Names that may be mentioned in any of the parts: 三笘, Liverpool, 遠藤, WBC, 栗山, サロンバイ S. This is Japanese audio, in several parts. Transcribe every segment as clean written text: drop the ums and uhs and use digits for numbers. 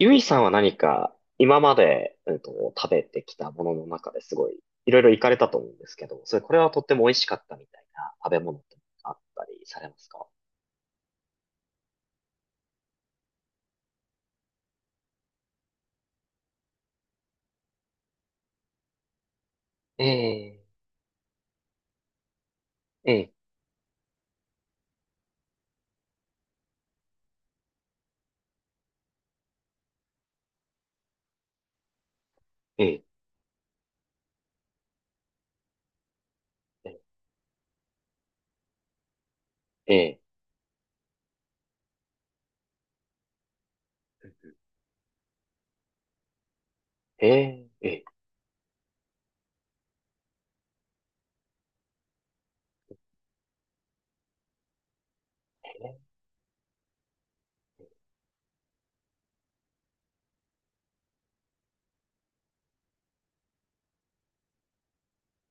ゆいさんは何か今まで、食べてきたものの中ですごいいろいろ行かれたと思うんですけど、それこれはとっても美味しかったみたいな食べ物ってあったりされますか？ええ、ええ、ええ、ええ、ええ、ええ、ええ、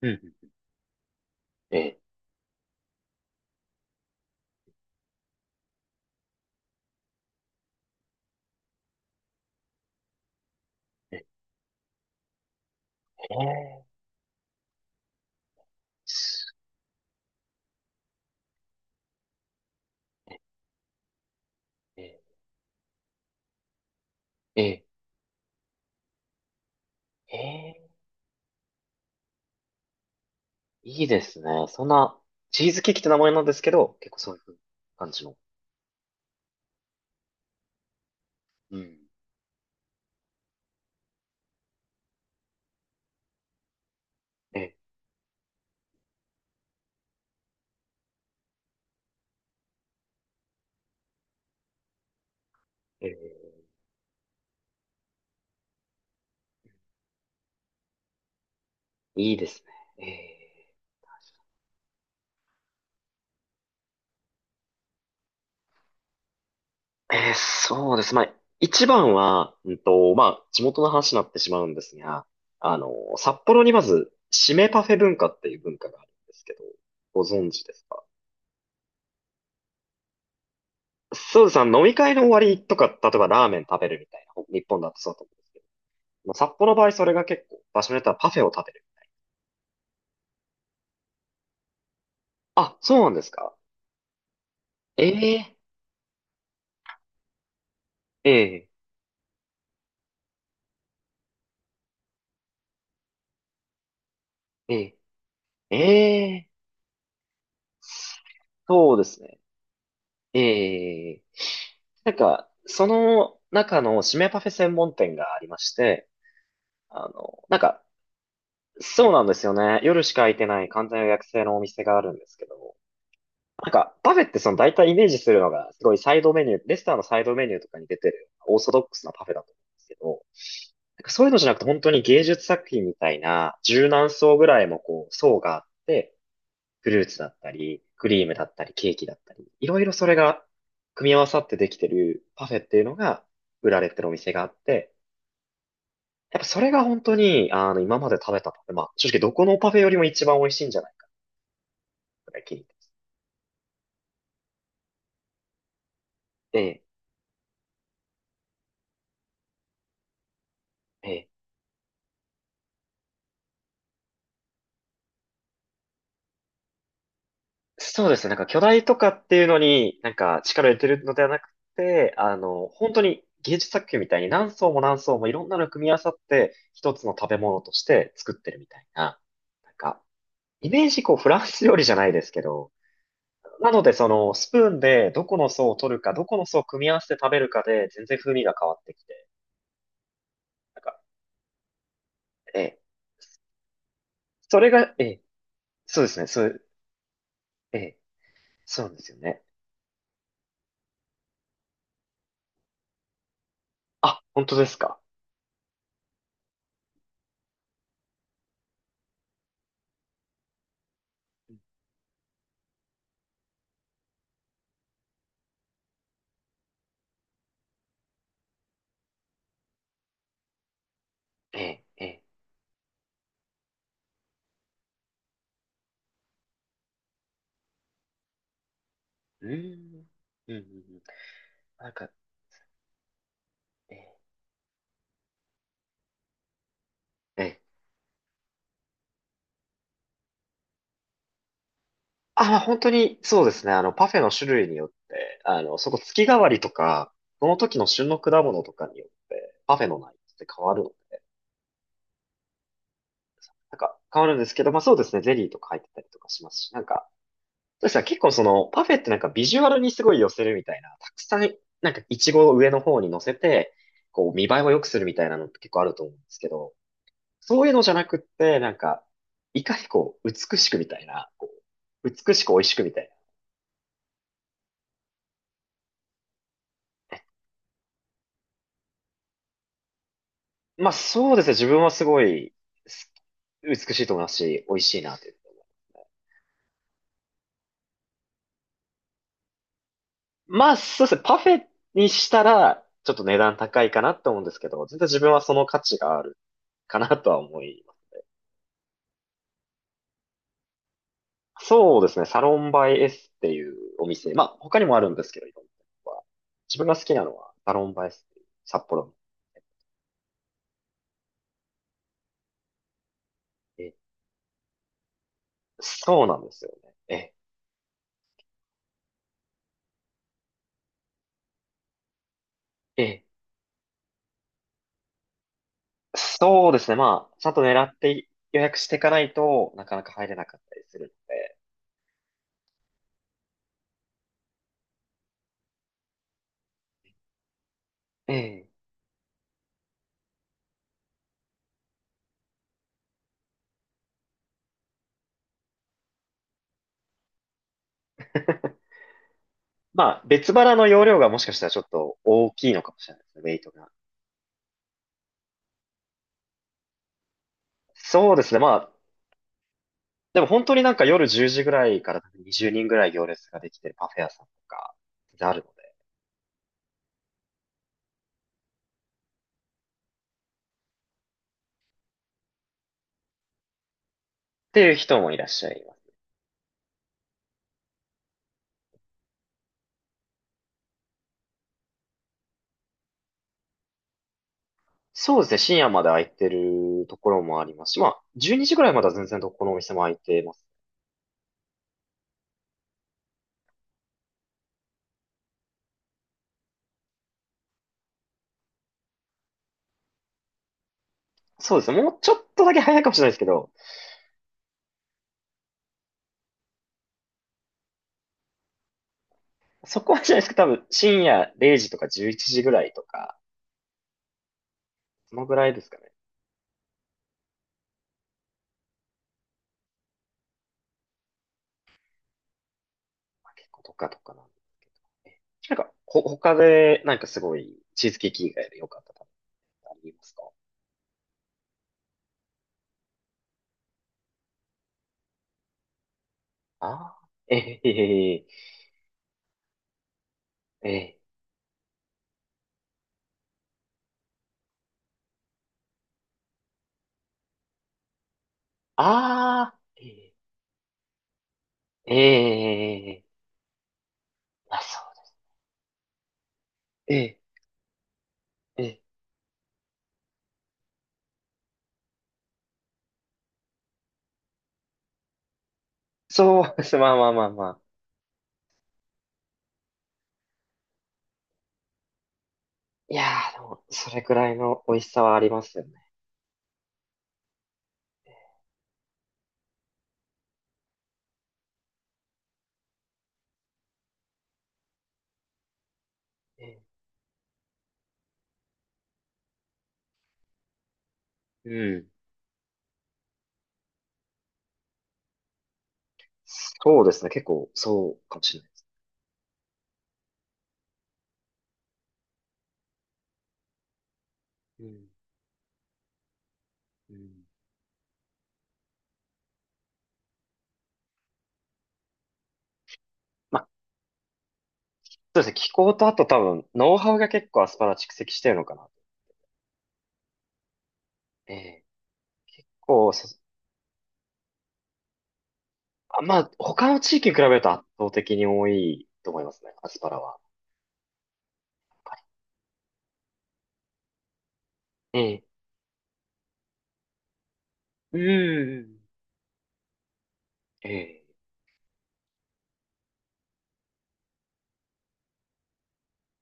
うんうん、ええ、ええ、すええ、ええ、ええ、いいですね。そんな、チーズケーキって名前なんですけど、結構そういう感じの。うん。ええ、ええ、いいですね。え、えそうです。まあ、一番は、まあ、地元の話になってしまうんですが、あの、札幌にまず、締めパフェ文化っていう文化があるんですけど、ご存知ですか？そうです。あの飲み会の終わりとか、例えばラーメン食べるみたいな、日本だとそうだと思うんですけど、まあ、札幌の場合それが結構、場所によってはパフェを食べる。あ、そうなんですか？ええ、ええ、ええ、ええ、そうですね。ええ、なんか、その中の締めパフェ専門店がありまして、あの、なんか、そうなんですよね。夜しか開いてない完全予約制のお店があるんですけど、なんか、パフェってその大体イメージするのが、すごいサイドメニュー、レストランのサイドメニューとかに出てるオーソドックスなパフェだと思うんですけど、なんかそういうのじゃなくて本当に芸術作品みたいな、柔軟層ぐらいもこう、層があって、フルーツだったり、クリームだったり、ケーキだったり、いろいろそれが組み合わさってできてるパフェっていうのが売られてるお店があって、やっぱそれが本当に、あの、今まで食べたパフェ、まあ、正直どこのパフェよりも一番美味しいんじゃないかぐらい気に入ってて、ええ、そうですね、なんか巨大とかっていうのになんか力を入れてるのではなくて、あの、本当に芸術作品みたいに何層も何層もいろんなの組み合わさって一つの食べ物として作ってるみたいな、なんか、イメージこうフランス料理じゃないですけど、なので、その、スプーンでどこの層を取るか、どこの層を組み合わせて食べるかで、全然風味が変わってきて、なんか、ええ、それが、ええ、そうですね、そう、ええ、そうなんですよね。あ、本当ですか。ええ、ええ、うーん、うん、うん、うん。なんか、ええ、ええ。あ、まあ本当に、そうですね、あの、パフェの種類によって、あの、そこ月替わりとか、その時の旬の果物とかによって、パフェの内容って変わるので、なんか、変わるんですけど、まあそうですね、ゼリーとか入ってたりとかしますし、なんか、そうですね。結構その、パフェってなんかビジュアルにすごい寄せるみたいな、たくさん、なんかイチゴを上の方に乗せて、こう見栄えを良くするみたいなのって結構あると思うんですけど、そういうのじゃなくって、なんか、いかにこう、美しくみたいな、美しく美味しくみたいな。まあそうですね。自分はすごい、す美しいと思いますし、美味しいなというふうに思いますね。まあそうですね。パフェにしたら、ちょっと値段高いかなと思うんですけど、全然自分はその価値があるかなとは思い、そうですね。サロンバイ S っていうお店。まあ、他にもあるんですけど、いろんなとこは。自分が好きなのは、サロンバイ S っていう札幌の。え、そうなんですよね。え、え、そうですね。まあ、ちゃんと狙って予約していかないとなかなか入れなかったりするので。ええ。まあ、別腹の容量がもしかしたらちょっと大きいのかもしれないですね、ウェイトが。そうですね。まあ、でも本当になんか夜10時ぐらいから20人ぐらい行列ができてるパフェ屋さんとか、全然あるので。っていう人もいらっしゃいます。そうですね、深夜まで空いてるところもありますし、まあ、12時ぐらいまでは全然どこのお店も空いてます。そうですね、もうちょっとだけ早いかもしれないですけど、そこはじゃないですけど、多分深夜0時とか11時ぐらいとか、そのぐらいですかね。まあ、結構とかとかなんでね。なんか、他で、なんかすごい、チーズケーキ以外で良かった食べ物ってありますか？ああー、ええ、ええ、ああー、ええ、ええ、まあそうです。ええ、ええ、そうです。まあまあまあまあ。いやー、でも、それくらいの美味しさはありますよね。ええ、うん。そうですね。結構、そうかもしれないです。うん、うん、まあ、そうですね。気候とあと多分、ノウハウが結構アスパラ蓄積してるのかな。ええ、こう、そまあ、他の地域に比べると圧倒的に多いと思いますね。アスパラは。ええ、うん。ええ、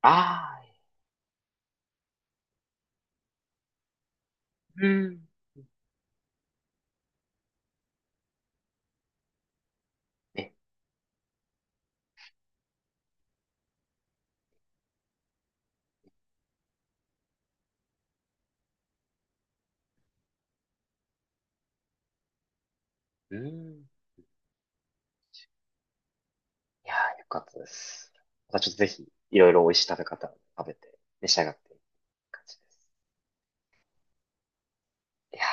ああ、うん。え、うん。いやー、よかったです。またちょっとぜひ、いろいろ美味しい食べ方を食べて、召し上がっていく感じです。いや